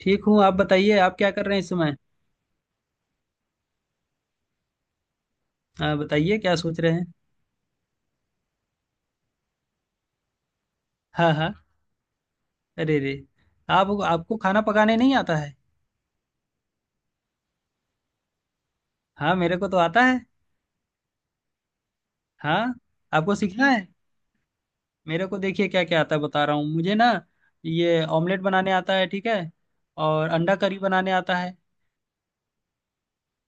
ठीक हूँ। आप बताइए, आप क्या कर रहे हैं इस समय? हाँ, बताइए क्या सोच रहे हैं? हाँ हाँ। अरे रे। आप आपको खाना पकाने नहीं आता है? हाँ, मेरे को तो आता है। हाँ। आपको सीखना है। मेरे को देखिए क्या क्या आता है बता रहा हूँ मुझे ना। ये ऑमलेट बनाने आता है, ठीक है। और अंडा करी बनाने आता है।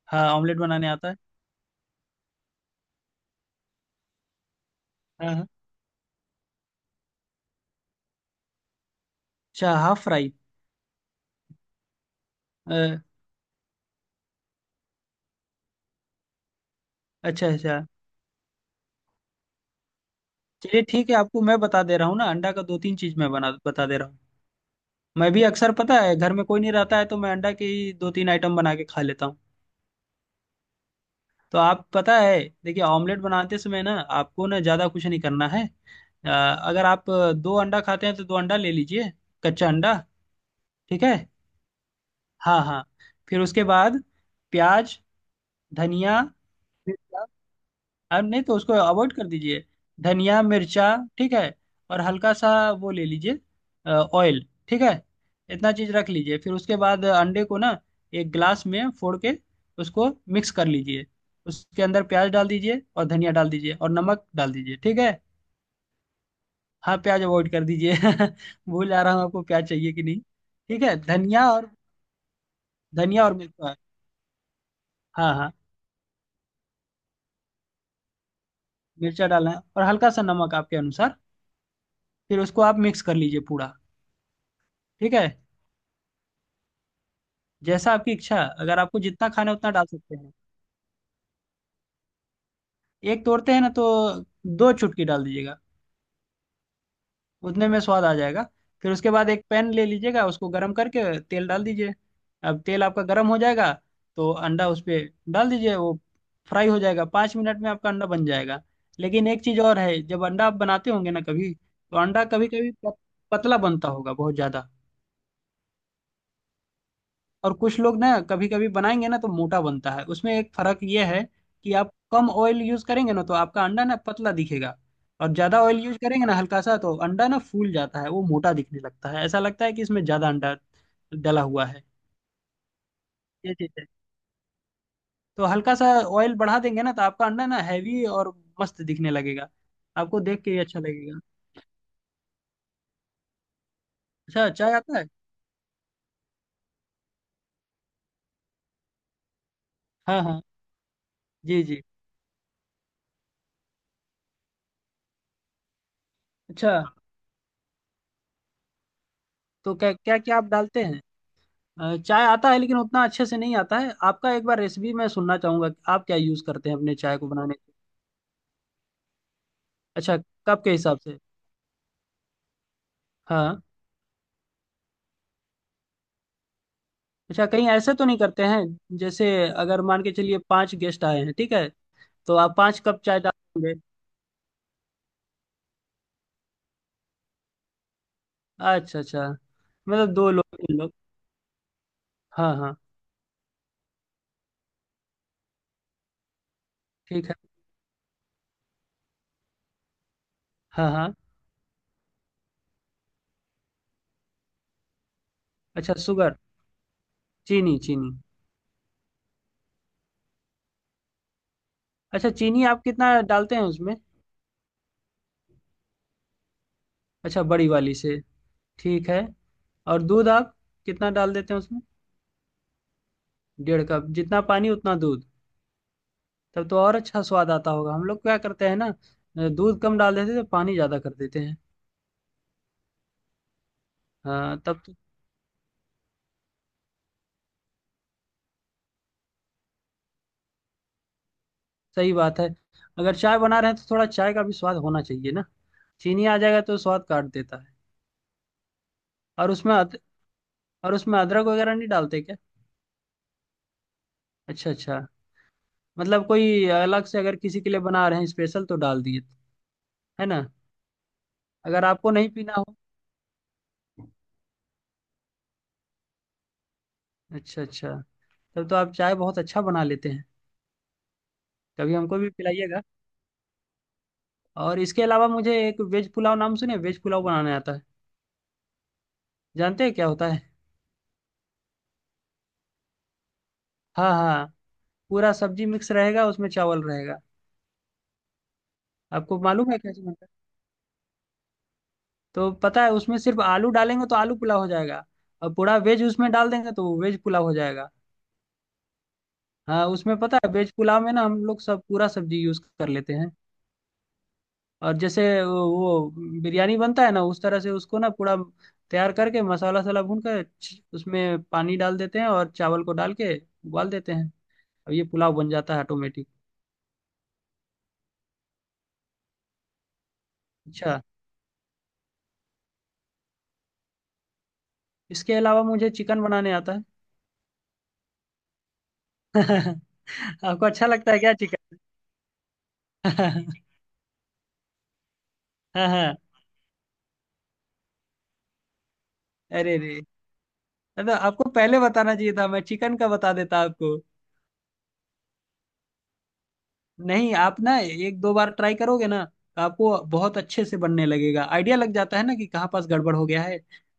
हाँ, ऑमलेट बनाने आता है। हाँ हाँ। अच्छा, हाफ फ्राई। अ, अच्छा अच्छा। चलिए ठीक है, आपको मैं बता दे रहा हूँ ना अंडा का दो तीन चीज़ मैं बना बता दे रहा हूँ। मैं भी अक्सर, पता है, घर में कोई नहीं रहता है तो मैं अंडा की दो तीन आइटम बना के खा लेता हूँ। तो आप, पता है, देखिए, ऑमलेट बनाते समय ना आपको ना ज़्यादा कुछ नहीं करना है। अगर आप दो अंडा खाते हैं तो दो अंडा ले लीजिए। कच्चा अंडा। ठीक है। हाँ हाँ। फिर उसके बाद प्याज, धनिया। अब नहीं तो उसको अवॉइड कर दीजिए। धनिया, मिर्चा। ठीक है। और हल्का सा वो ले लीजिए, ऑयल, ठीक है। इतना चीज रख लीजिए, फिर उसके बाद अंडे को ना एक ग्लास में फोड़ के उसको मिक्स कर लीजिए। उसके अंदर प्याज डाल दीजिए और धनिया डाल दीजिए और नमक डाल दीजिए, ठीक है। हाँ प्याज अवॉइड कर दीजिए। भूल जा रहा हूँ आपको प्याज चाहिए कि नहीं। ठीक है, धनिया और मिर्चा। हाँ हाँ। मिर्चा डालना है और हल्का सा नमक आपके अनुसार। फिर उसको आप मिक्स कर लीजिए पूरा। ठीक है। जैसा आपकी इच्छा, अगर आपको जितना खाना है उतना डाल सकते हैं। एक तोड़ते हैं ना तो 2 चुटकी डाल दीजिएगा। उतने में स्वाद आ जाएगा। फिर उसके बाद एक पैन ले लीजिएगा, उसको गर्म करके तेल डाल दीजिए। अब तेल आपका गर्म हो जाएगा तो अंडा उस पे डाल दीजिए, वो फ्राई हो जाएगा 5 मिनट में, आपका अंडा बन जाएगा। लेकिन एक चीज़ और है, जब अंडा आप बनाते होंगे ना कभी तो अंडा कभी कभी पतला बनता होगा बहुत ज़्यादा। और कुछ लोग ना कभी कभी बनाएंगे ना तो मोटा बनता है, उसमें एक फर्क ये है कि आप कम ऑयल यूज करेंगे ना तो आपका अंडा ना पतला दिखेगा। और ज्यादा ऑयल यूज करेंगे ना हल्का सा तो अंडा ना फूल जाता है, वो मोटा दिखने लगता है, ऐसा लगता है कि इसमें ज्यादा अंडा डला हुआ है। ये चीज है। तो हल्का सा ऑयल बढ़ा देंगे ना तो आपका अंडा ना हैवी और मस्त दिखने लगेगा। आपको देख के ही अच्छा लगेगा। अच्छा, चाय आता है। हाँ हाँ। जी जी। अच्छा, तो क्या क्या क्या आप डालते हैं? चाय आता है लेकिन उतना अच्छे से नहीं आता है, आपका एक बार रेसिपी मैं सुनना चाहूंगा कि आप क्या यूज़ करते हैं अपने चाय को बनाने के। अच्छा, कप के हिसाब से। हाँ। अच्छा, कहीं ऐसे तो नहीं करते हैं जैसे अगर मान के चलिए 5 गेस्ट आए हैं, ठीक है, तो आप 5 कप चाय डालेंगे? अच्छा अच्छा। मतलब दो लोग, तीन लोग। हाँ हाँ। ठीक है। हाँ हाँ। अच्छा, शुगर। चीनी, चीनी। अच्छा, चीनी आप कितना डालते हैं उसमें? अच्छा, बड़ी वाली से। ठीक है। और दूध आप कितना डाल देते हैं उसमें? 1.5 कप जितना पानी उतना दूध? तब तो और अच्छा स्वाद आता होगा। हम लोग क्या करते हैं ना, दूध कम डाल देते हैं तो पानी ज़्यादा कर देते हैं। हाँ तब तो। सही बात है, अगर चाय बना रहे हैं तो थोड़ा चाय का भी स्वाद होना चाहिए ना। चीनी आ जाएगा तो स्वाद काट देता है। और और उसमें अदरक वगैरह नहीं डालते क्या? अच्छा अच्छा। मतलब कोई अलग से अगर किसी के लिए बना रहे हैं स्पेशल तो डाल दिए, है ना। अगर आपको नहीं पीना हो। अच्छा अच्छा। तब तो आप चाय बहुत अच्छा बना लेते हैं। कभी हमको भी पिलाइएगा। और इसके अलावा मुझे एक वेज पुलाव, नाम सुने, वेज पुलाव बनाने आता है। जानते हैं क्या होता है? हाँ हाँ। पूरा सब्जी मिक्स रहेगा उसमें, चावल रहेगा। आपको मालूम है कैसे बनता है? तो पता है, उसमें सिर्फ आलू डालेंगे तो आलू पुलाव हो जाएगा। और पूरा वेज उसमें डाल देंगे तो वो वेज पुलाव हो जाएगा। हाँ, उसमें पता है वेज पुलाव में ना हम लोग सब पूरा सब्जी यूज कर लेते हैं। और जैसे वो बिरयानी बनता है ना उस तरह से उसको ना पूरा तैयार करके मसाला वसाला भून कर उसमें पानी डाल देते हैं और चावल को डाल के उबाल देते हैं। और ये पुलाव बन जाता है ऑटोमेटिक। अच्छा, इसके अलावा मुझे चिकन बनाने आता है। आपको अच्छा लगता है क्या चिकन? हाँ हाँ। अरे रे। तो आपको पहले बताना चाहिए था, मैं चिकन का बता देता आपको। नहीं, आप ना एक दो बार ट्राई करोगे ना तो आपको बहुत अच्छे से बनने लगेगा, आइडिया लग जाता है ना कि कहाँ पास गड़बड़ हो गया है।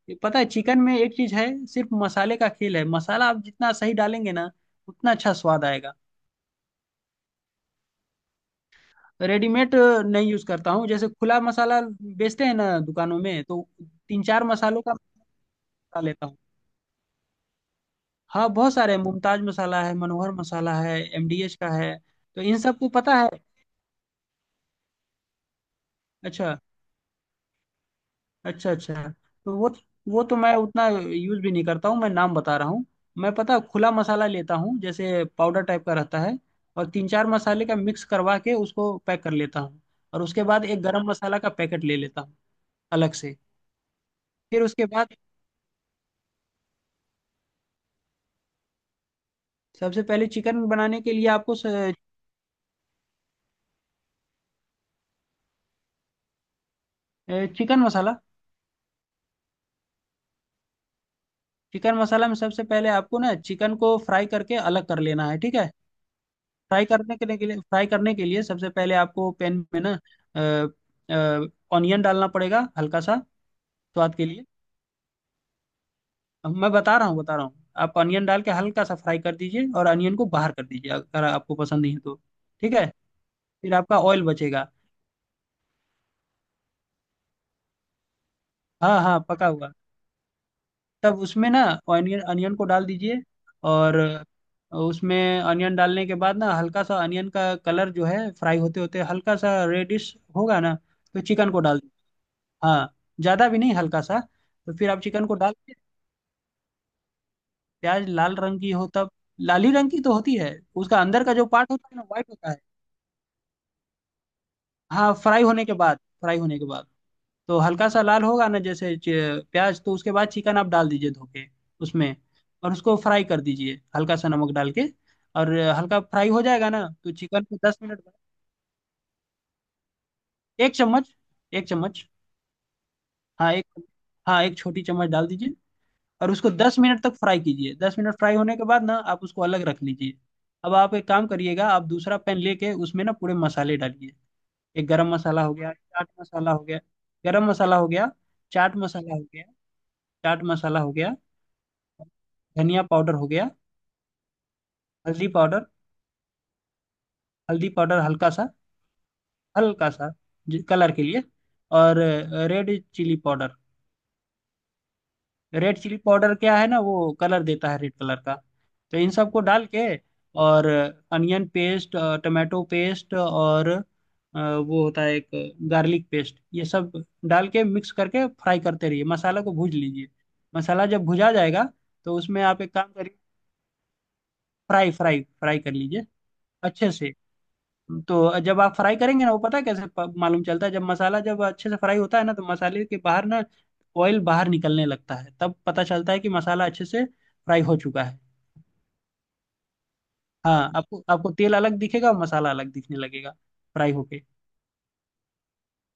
ये पता है चिकन में एक चीज है, सिर्फ मसाले का खेल है, मसाला आप जितना सही डालेंगे ना उतना अच्छा स्वाद आएगा। रेडीमेड नहीं यूज करता हूँ, जैसे खुला मसाला बेचते हैं ना दुकानों में, तो तीन चार मसालों का मसाला लेता हूँ। हाँ बहुत सारे हैं। मुमताज मसाला है, मनोहर मसाला है, एमडीएच का है। तो इन सबको पता है। अच्छा अच्छा। अच्छा तो वो तो मैं उतना यूज भी नहीं करता हूँ, मैं नाम बता रहा हूँ। मैं, पता है, खुला मसाला लेता हूँ, जैसे पाउडर टाइप का रहता है। और तीन चार मसाले का मिक्स करवा के उसको पैक कर लेता हूँ। और उसके बाद एक गरम मसाला का पैकेट ले लेता हूँ अलग से। फिर उसके बाद सबसे पहले चिकन बनाने के लिए आपको। चिकन मसाला। चिकन मसाला में सबसे पहले आपको ना चिकन को फ्राई करके अलग कर लेना है, ठीक है। फ्राई करने के लिए सबसे पहले आपको पैन में ना ऑनियन डालना पड़ेगा हल्का सा। स्वाद के लिए। अब मैं बता रहा हूँ, बता रहा हूँ आप ऑनियन डाल के हल्का सा फ्राई कर दीजिए और ऑनियन को बाहर कर दीजिए अगर आपको पसंद नहीं है तो। ठीक है। फिर आपका ऑयल बचेगा। हाँ हाँ, पका हुआ। तब उसमें ना ऑनियन ऑनियन को डाल दीजिए। और उसमें ऑनियन डालने के बाद ना हल्का सा ऑनियन का कलर जो है फ्राई होते होते हल्का सा रेडिश होगा ना तो चिकन को डाल। हाँ, ज्यादा भी नहीं, हल्का सा। तो फिर आप चिकन को डाल के प्याज लाल रंग की हो तब, लाली रंग की तो होती है, उसका अंदर का जो पार्ट होता है ना व्हाइट होता है। हाँ, फ्राई होने के बाद, फ्राई होने के बाद। तो हल्का सा लाल होगा ना जैसे प्याज, तो उसके बाद चिकन आप डाल दीजिए धो के उसमें। और उसको फ्राई कर दीजिए हल्का सा नमक डाल के। और हल्का फ्राई हो जाएगा ना तो चिकन को 10 मिनट बाद। एक चम्मच, एक चम्मच। हाँ एक, हाँ एक छोटी चम्मच डाल दीजिए। और उसको 10 मिनट तक फ्राई कीजिए, 10 मिनट फ्राई होने के बाद ना आप उसको अलग रख लीजिए। अब आप एक काम करिएगा, आप दूसरा पैन लेके उसमें ना पूरे मसाले डालिए। एक गरम मसाला हो गया, चाट मसाला हो गया। गरम मसाला हो गया। चाट मसाला हो गया। चाट मसाला हो गया। धनिया पाउडर हो गया। हल्दी पाउडर, हल्दी पाउडर हल्का सा। हल्का सा, कलर के लिए। और red chilli powder. Red chilli powder क्या है ना, वो कलर देता है, रेड कलर का। तो इन सबको डाल के और अनियन पेस्ट, टमाटो पेस्ट, और वो होता है एक गार्लिक पेस्ट। ये सब डाल के मिक्स करके फ्राई करते रहिए, मसाला को भूज लीजिए। मसाला जब भुजा जाएगा तो उसमें आप एक काम करिए। फ्राई फ्राई फ्राई कर लीजिए अच्छे से। तो जब आप फ्राई करेंगे ना, वो पता है कैसे मालूम चलता है, जब मसाला जब अच्छे से फ्राई होता है ना तो मसाले के बाहर ना ऑयल बाहर निकलने लगता है, तब पता चलता है कि मसाला अच्छे से फ्राई हो चुका है। हाँ, आपको, आपको तेल अलग दिखेगा और मसाला अलग दिखने लगेगा फ्राई होके।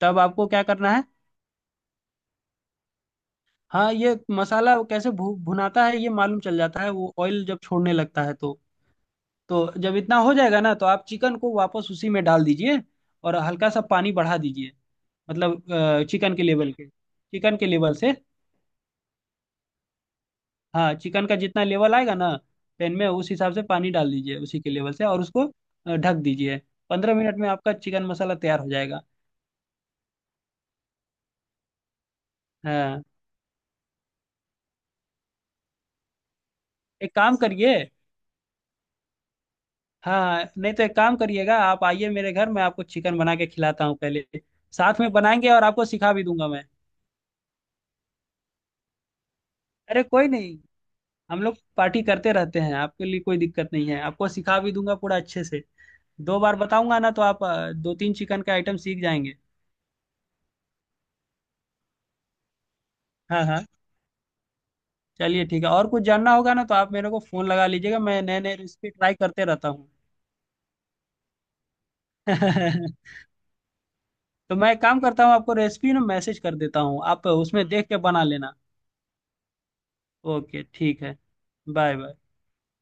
तब आपको क्या करना है। हाँ, ये मसाला कैसे भुनाता है ये मालूम चल जाता है, वो ऑयल जब छोड़ने लगता है तो। तो जब इतना हो जाएगा ना तो आप चिकन को वापस उसी में डाल दीजिए। और हल्का सा पानी बढ़ा दीजिए। मतलब चिकन के लेवल के, चिकन के लेवल से। हाँ, चिकन का जितना लेवल आएगा ना पैन में, उस हिसाब से पानी डाल दीजिए उसी के लेवल से, और उसको ढक दीजिए। 15 मिनट में आपका चिकन मसाला तैयार हो जाएगा। हाँ। एक काम करिए। हाँ, नहीं तो एक काम करिएगा, आप आइए मेरे घर, मैं आपको चिकन बना के खिलाता हूँ पहले। साथ में बनाएंगे और आपको सिखा भी दूंगा मैं। अरे, कोई नहीं, हम लोग पार्टी करते रहते हैं, आपके लिए कोई दिक्कत नहीं है, आपको सिखा भी दूंगा पूरा अच्छे से। दो बार बताऊंगा ना तो आप दो तीन चिकन का आइटम सीख जाएंगे। हाँ हाँ। चलिए ठीक है, और कुछ जानना होगा ना तो आप मेरे को फोन लगा लीजिएगा, मैं नए नए रेसिपी ट्राई करते रहता हूँ। तो मैं एक काम करता हूँ, आपको रेसिपी ना मैसेज कर देता हूँ, आप उसमें देख के बना लेना। ओके ठीक है। Bye bye.